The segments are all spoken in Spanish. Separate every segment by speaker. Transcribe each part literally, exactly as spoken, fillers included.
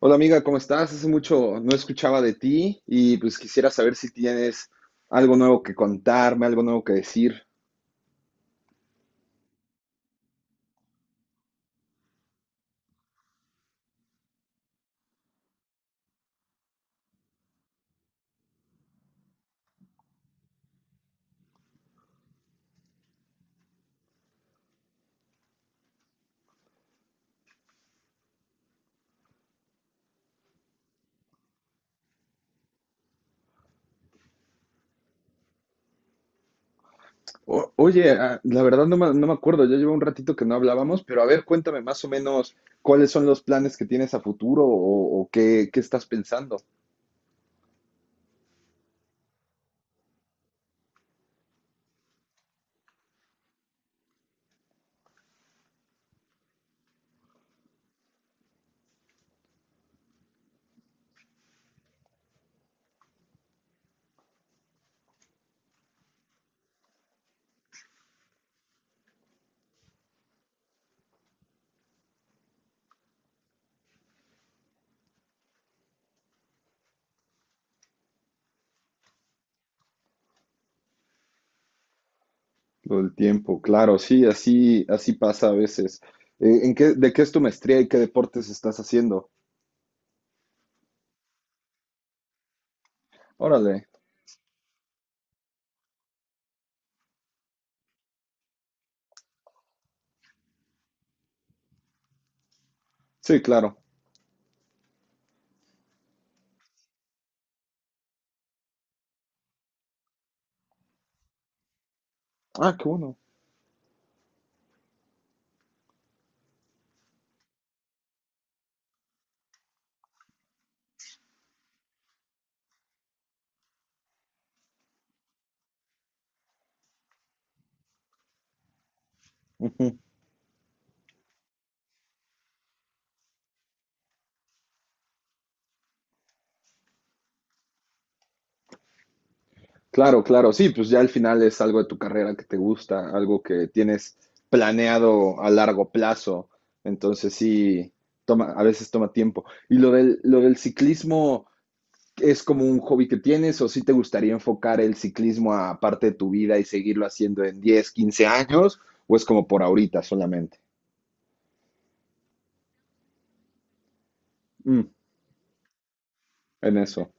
Speaker 1: Hola amiga, ¿cómo estás? Hace mucho no escuchaba de ti y pues quisiera saber si tienes algo nuevo que contarme, algo nuevo que decir. O- oye, ah, la verdad no me, no me acuerdo, ya llevo un ratito que no hablábamos, pero a ver, cuéntame más o menos cuáles son los planes que tienes a futuro o, o qué, qué estás pensando. Lo del tiempo, claro, sí, así, así pasa a veces. Eh, ¿en qué, ¿de qué es tu maestría y qué deportes estás haciendo? Órale, sí, claro. Ah, qué bueno. Claro, claro, sí, pues ya al final es algo de tu carrera que te gusta, algo que tienes planeado a largo plazo, entonces sí, toma, a veces toma tiempo. ¿Y lo del, lo del ciclismo es como un hobby que tienes o sí te gustaría enfocar el ciclismo a parte de tu vida y seguirlo haciendo en diez quince años o es como por ahorita solamente? Mm, en eso.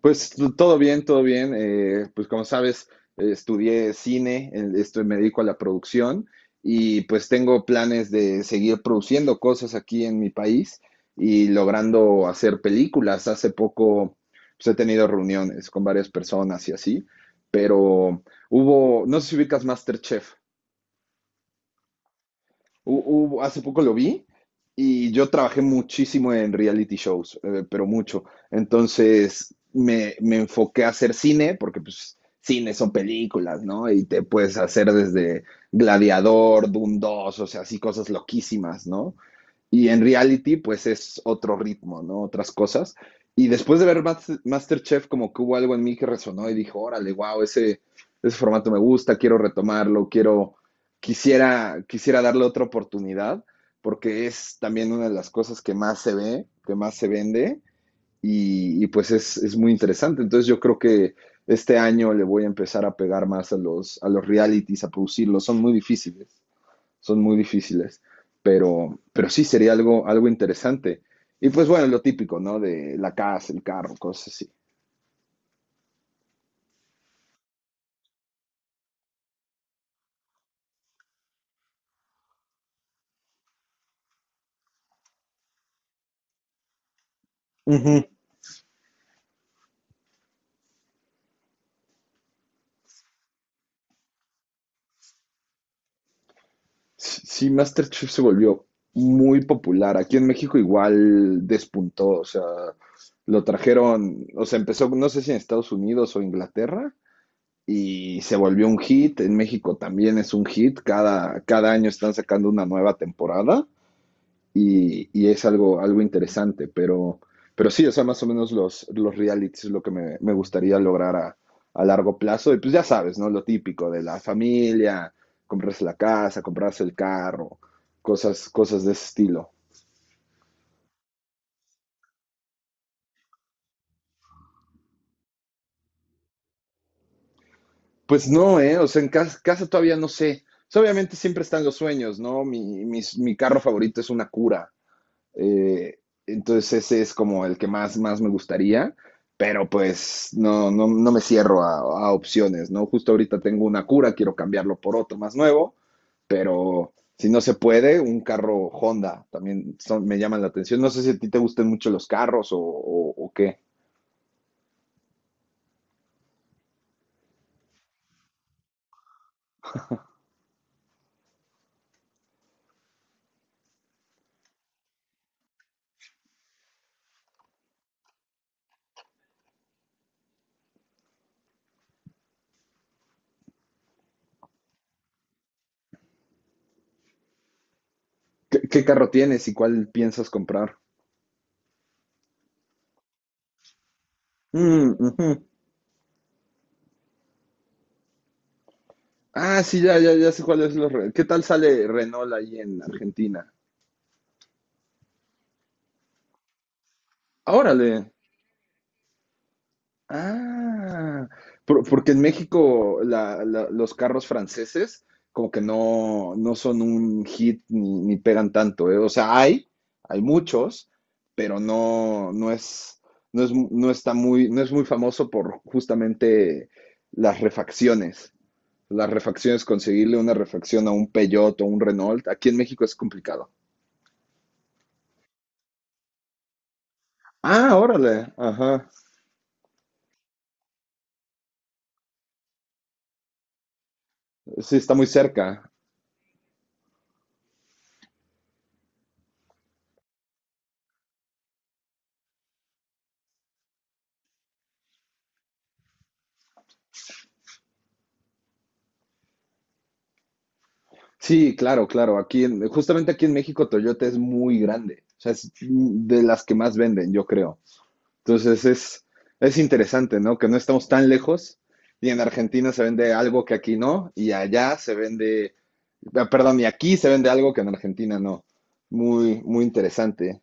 Speaker 1: Pues todo bien, todo bien. Eh, pues como sabes, eh, estudié cine, en- esto me dedico a la producción y pues tengo planes de seguir produciendo cosas aquí en mi país y logrando hacer películas. Hace poco pues, he tenido reuniones con varias personas y así, pero hubo, no sé si ubicas MasterChef. Hu- hubo- hace poco lo vi y yo trabajé muchísimo en reality shows, eh, pero mucho. Entonces me, me enfoqué a hacer cine, porque pues cine son películas, ¿no? Y te puedes hacer desde Gladiador, Doom dos, o sea, así cosas loquísimas, ¿no? Y en reality, pues es otro ritmo, ¿no? Otras cosas. Y después de ver Mas- Masterchef, como que hubo algo en mí que resonó y dijo, órale, wow, ese, ese formato me gusta, quiero retomarlo, quiero, quisiera, quisiera darle otra oportunidad, porque es también una de las cosas que más se ve, que más se vende, y, y pues es, es muy interesante. Entonces yo creo que este año le voy a empezar a pegar más a los, a los realities, a producirlos, son muy difíciles son muy difíciles, pero, pero sí sería algo, algo interesante. Y pues bueno, lo típico, ¿no? De la casa, el carro, cosas así. Ujú. Sí, MasterChef se volvió muy popular. Aquí en México igual despuntó, o sea, lo trajeron, o sea, empezó, no sé si en Estados Unidos o Inglaterra, y se volvió un hit. En México también es un hit. Cada, cada año están sacando una nueva temporada. y, y es algo, algo interesante, pero, pero sí, o sea, más o menos los, los realities es lo que me, me gustaría lograr a, a largo plazo. Y pues ya sabes, ¿no? Lo típico de la familia, comprarse la casa, comprarse el carro, cosas, cosas de ese estilo. Pues no, ¿eh? O sea, en casa, casa todavía no sé. O sea, obviamente siempre están los sueños, ¿no? Mi, mis- mi carro favorito es una cura. Eh, entonces ese es como el que más, más me gustaría, pero pues no, no, no me cierro a, a opciones, ¿no? Justo ahorita tengo una cura, quiero cambiarlo por otro más nuevo, pero si no se puede, un carro Honda también son- me llaman la atención. No sé si a ti te gustan mucho los carros o, o- o qué. ¿Qué qué carro tienes y cuál piensas comprar? Mm, ujú. Ah, sí, ya, ya, ya sé cuál es. Los... re- ¿Qué tal sale Renault ahí en Argentina? Ah, órale. Ah, por- porque en México la- la- los carros franceses como que no, no son un hit ni, ni pegan tanto, ¿eh? O sea, hay, hay muchos, pero no, no es, no es, no está muy, no es muy famoso por justamente las refacciones. Las refacciones, conseguirle una refacción a un Peugeot o un Renault, aquí en México es complicado. Ah, órale, ajá, sí, está muy cerca. Sí, claro, claro. Aquí en- justamente aquí en México Toyota es muy grande. O sea, es de las que más venden, yo creo. Entonces es, es interesante, ¿no? Que no estamos tan lejos y en Argentina se vende algo que aquí no y allá se vende, ah, perdón, y aquí se vende algo que en Argentina no. Muy, muy interesante.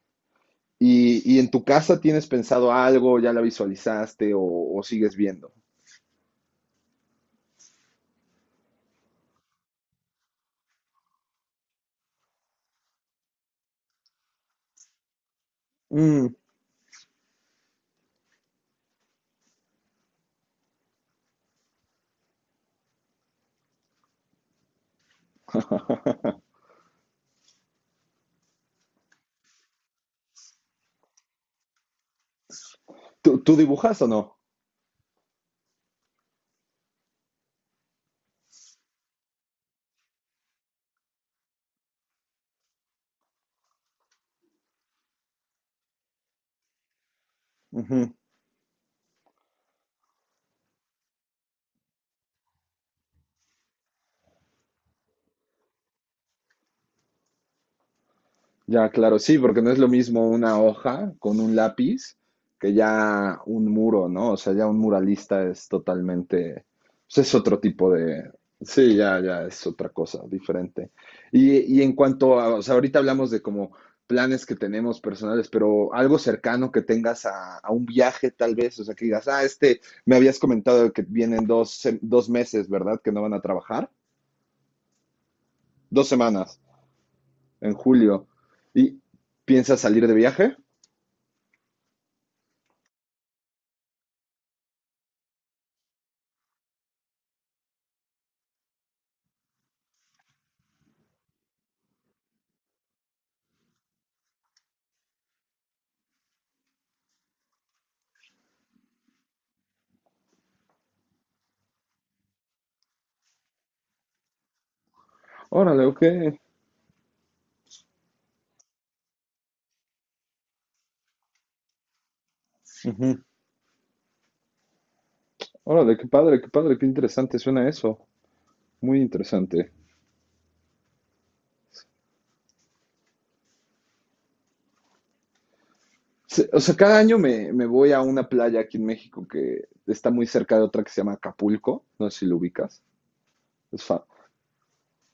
Speaker 1: ¿Y, y en tu casa tienes pensado algo, ya la visualizaste o, o sigues viendo? Mm, ¿Tú, tú dibujas o no? Ya, claro, sí, porque no es lo mismo una hoja con un lápiz que ya un muro, ¿no? O sea, ya un muralista es totalmente, pues es otro tipo de, sí, ya, ya es otra cosa diferente. Y, y en cuanto a, o sea, ahorita hablamos de como planes que tenemos personales, pero algo cercano que tengas a, a un viaje tal vez, o sea, que digas, ah, este, me habías comentado que vienen dos, se- dos meses, ¿verdad? Que no van a trabajar, dos semanas, en julio, y piensas salir de viaje. Órale, ok. Ujú. Órale, qué padre, qué padre, qué interesante suena eso. Muy interesante. Se- O sea, cada año me, me voy a una playa aquí en México que está muy cerca de otra que se llama Acapulco. No sé si lo ubicas. Es fa-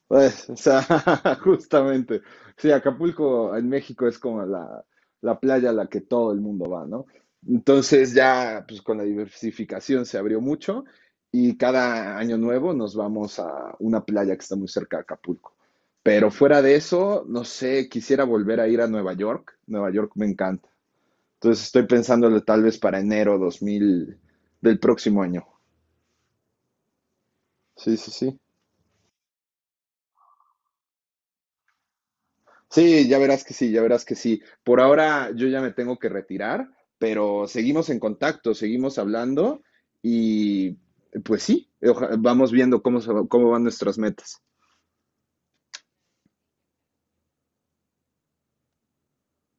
Speaker 1: Pues, o sea, justamente. Sí, Acapulco en México es como la, la playa a la que todo el mundo va, ¿no? Entonces ya, pues con la diversificación se abrió mucho y cada año nuevo nos vamos a una playa que está muy cerca de Acapulco. Pero fuera de eso, no sé, quisiera volver a ir a Nueva York. Nueva York me encanta. Entonces estoy pensándolo tal vez para enero dos mil del próximo año. Sí, sí, sí. Sí, ya verás que sí, ya verás que sí. Por ahora yo ya me tengo que retirar, pero seguimos en contacto, seguimos hablando y pues sí, oja- vamos viendo cómo, se- cómo van nuestras metas.